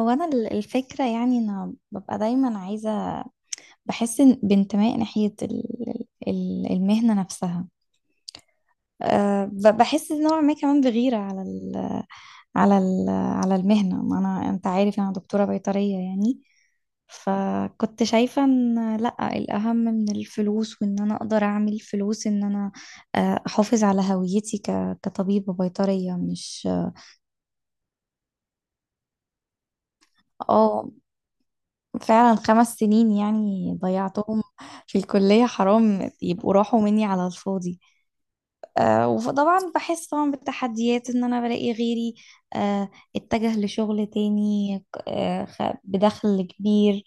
هو انا الفكره، يعني انا ببقى دايما عايزه. بحس بانتماء ناحيه المهنه نفسها. بحس نوع ما كمان بغيره على المهنه. ما انا انت عارف انا دكتوره بيطريه يعني. فكنت شايفه ان لا الاهم من الفلوس، وان انا اقدر اعمل فلوس، ان انا احافظ على هويتي كطبيبه بيطريه، مش. اه، فعلا 5 سنين يعني ضيعتهم في الكلية، حرام يبقوا راحوا مني على الفاضي. وطبعا بحس طبعا بالتحديات ان انا بلاقي غيري أه اتجه لشغل تاني بدخل كبير،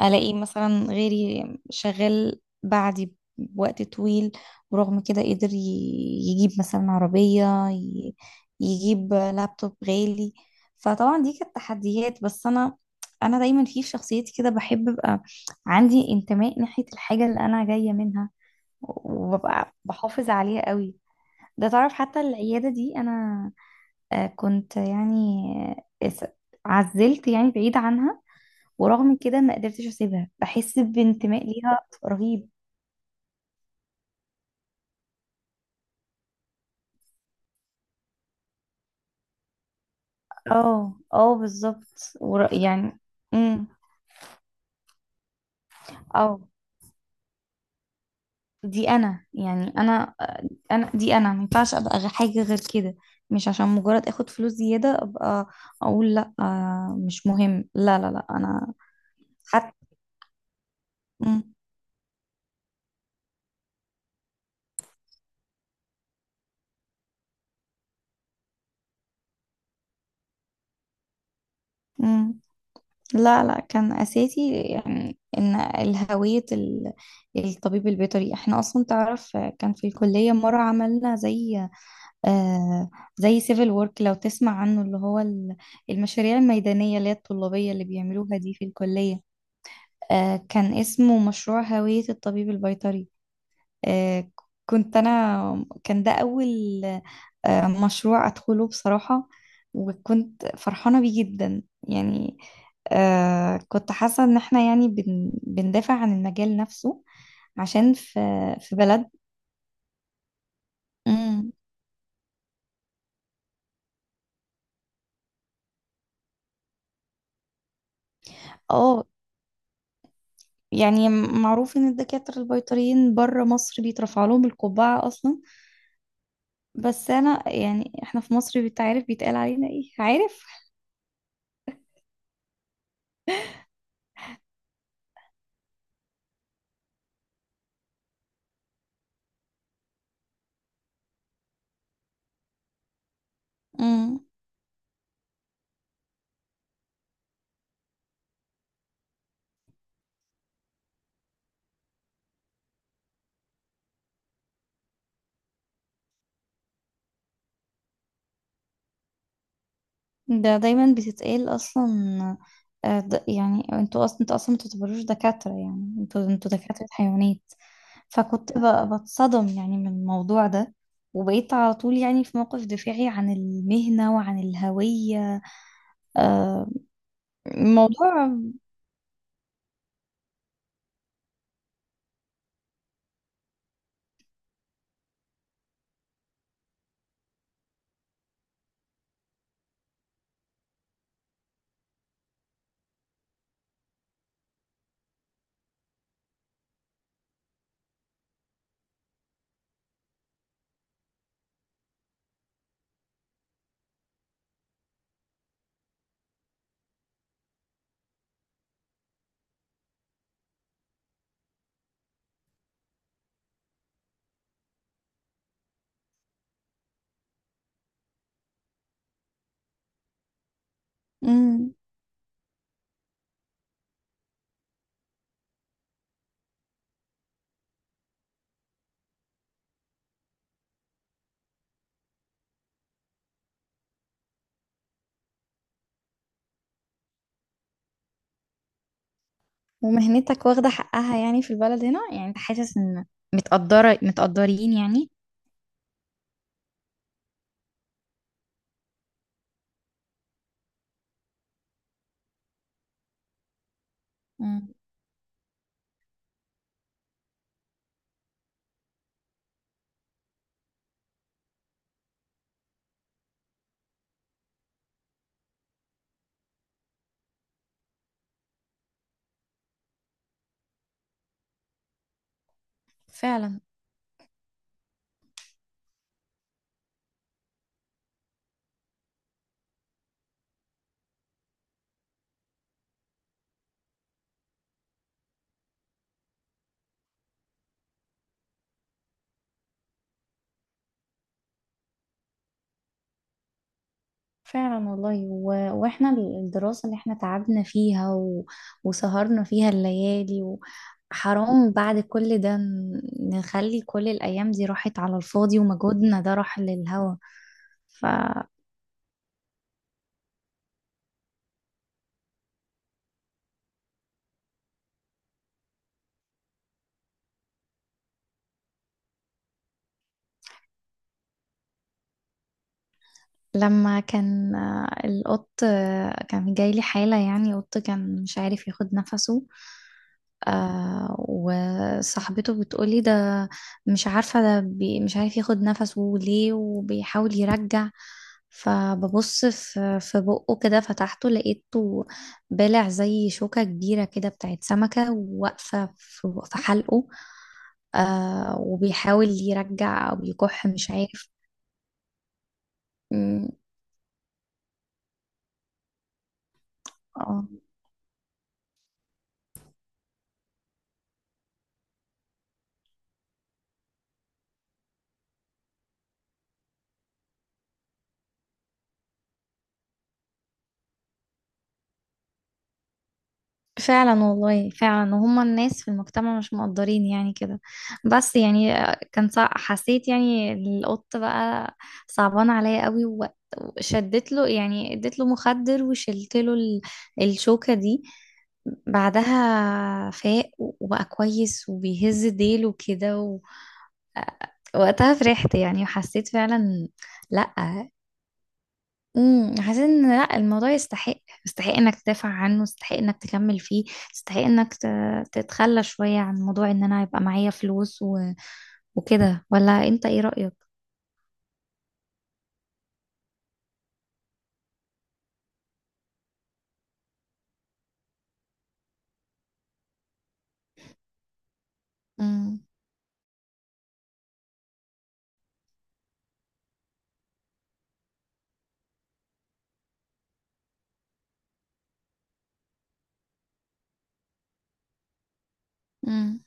الاقي مثلا غيري شغال بعدي بوقت طويل، ورغم كده قدر يجيب مثلا عربية، يجيب لابتوب غالي. فطبعا دي كانت تحديات، بس انا دايما في شخصيتي كده بحب ابقى عندي انتماء ناحية الحاجة اللي انا جاية منها، وببقى بحافظ عليها قوي. ده تعرف حتى العيادة دي انا كنت يعني، آه، عزلت يعني بعيد عنها، ورغم كده ما قدرتش اسيبها، بحس بانتماء ليها رهيب. اه، اه، بالظبط، يعني. امم اه، دي انا يعني، انا دي انا ما ينفعش ابقى حاجه غير كده. مش عشان مجرد اخد فلوس زياده ابقى اقول لا، مش مهم، لا لا لا انا حتى. مم. مم. لا، لا، كان اساسي، يعني ان الهويه الطبيب البيطري. احنا اصلا تعرف كان في الكليه مره عملنا آه زي سيفل وورك، لو تسمع عنه، اللي هو المشاريع الميدانية اللي هي الطلابية اللي بيعملوها دي في الكلية. كان اسمه مشروع هوية الطبيب البيطري. آه كنت أنا، كان ده أول مشروع أدخله بصراحة، وكنت فرحانة بيه جدا يعني. كنت حاسة إن احنا يعني بندافع عن المجال نفسه، عشان في بلد. مم. اه، يعني معروف ان الدكاترة البيطريين بره مصر بيترفع لهم القبعة اصلا. بس انا يعني احنا في مصر بتعرف بيتقال علينا ايه، عارف؟ امم ده دايما بتتقال اصلا. يعني انتوا اصلا، ما تعتبروش دكاترة، يعني انتوا دكاترة حيوانات. فكنت بتصدم يعني من الموضوع ده، وبقيت على طول يعني في موقف دفاعي عن المهنة وعن الهوية. آه، الموضوع. مم. ومهنتك واخدة حقها يعني في البلد هنا، يعني انت حاسس ان متقدرة، متقدرين يعني؟ مم. فعلا. فعلا والله، واحنا الدراسة اللي احنا تعبنا فيها، وسهرنا فيها الليالي. حرام بعد كل ده نخلي كل الأيام دي راحت على الفاضي، ومجهودنا ده راح للهوا. لما كان القط، كان جاي لي حالة، يعني قط كان مش عارف ياخد نفسه. وصاحبته بتقولي ده مش عارفة، ده بي مش عارف ياخد نفسه ليه، وبيحاول يرجع. فببص في بقه كده، فتحته لقيته بالع زي شوكة كبيرة كده بتاعت سمكة، واقفة في في حلقه. وبيحاول يرجع أو يكح مش عارف. مم. اه، فعلا والله، فعلا وهم الناس في المجتمع مش مقدرين يعني كده. بس يعني حسيت يعني القط بقى صعبان عليا قوي، وشدت له يعني، اديت له مخدر، وشلت له الشوكة دي. بعدها فاق وبقى كويس وبيهز ديله كده، وقتها فرحت يعني، وحسيت فعلا. لأ. حاسين ان لا الموضوع يستحق، يستحق انك تدافع عنه، يستحق انك تكمل فيه، يستحق انك تتخلى شوية عن موضوع ان انا يبقى معايا فلوس وكده، ولا انت ايه رأيك؟ امم امم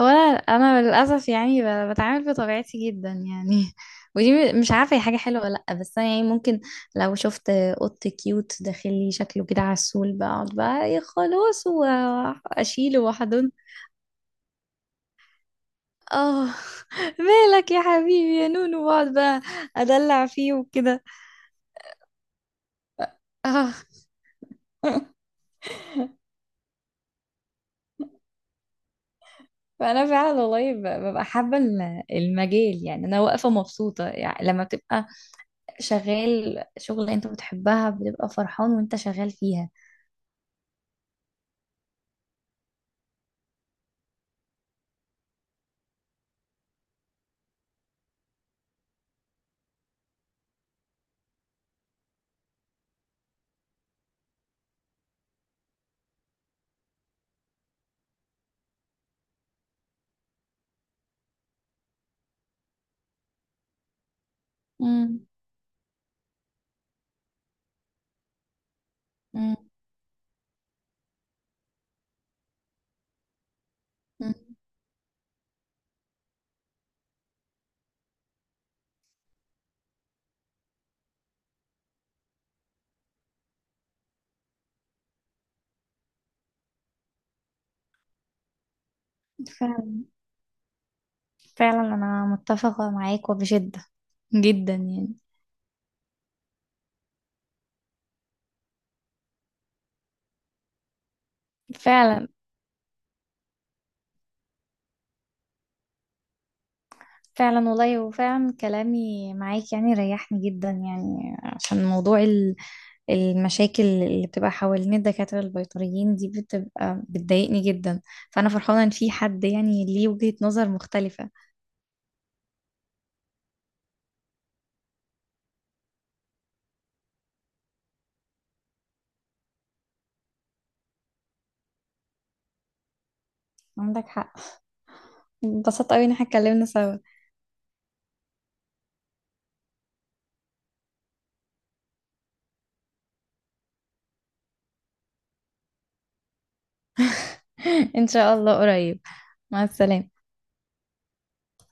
هو انا للاسف يعني بتعامل بطبيعتي جدا يعني ودي مش عارفة هي حاجة حلوة ولا لا، بس انا يعني ممكن لو شفت قط كيوت داخل لي شكله كده عسول، بقعد بقى ايه، خلاص واشيله واحضنه. اه، مالك يا حبيبي يا نونو، واقعد بقى، ادلع فيه وكده. اه، فانا فعلا والله ببقى حابه المجال، يعني انا واقفه مبسوطه، يعني لما بتبقى شغال شغل انت بتحبها بتبقى فرحان وانت شغال فيها. امم مم. مم. فعلا، فعلا انا متفقه معاك وبشده جدا يعني. فعلا، فعلا والله، وفعلا كلامي معاك يعني ريحني جدا، يعني عشان موضوع المشاكل اللي بتبقى حوالين الدكاترة البيطريين دي، بتبقى بتضايقني جدا. فأنا فرحانة إن في حد يعني ليه وجهة نظر مختلفة. عندك حق، انبسطت أوي إن احنا اتكلمنا سوا. إن شاء الله قريب. مع السلامة.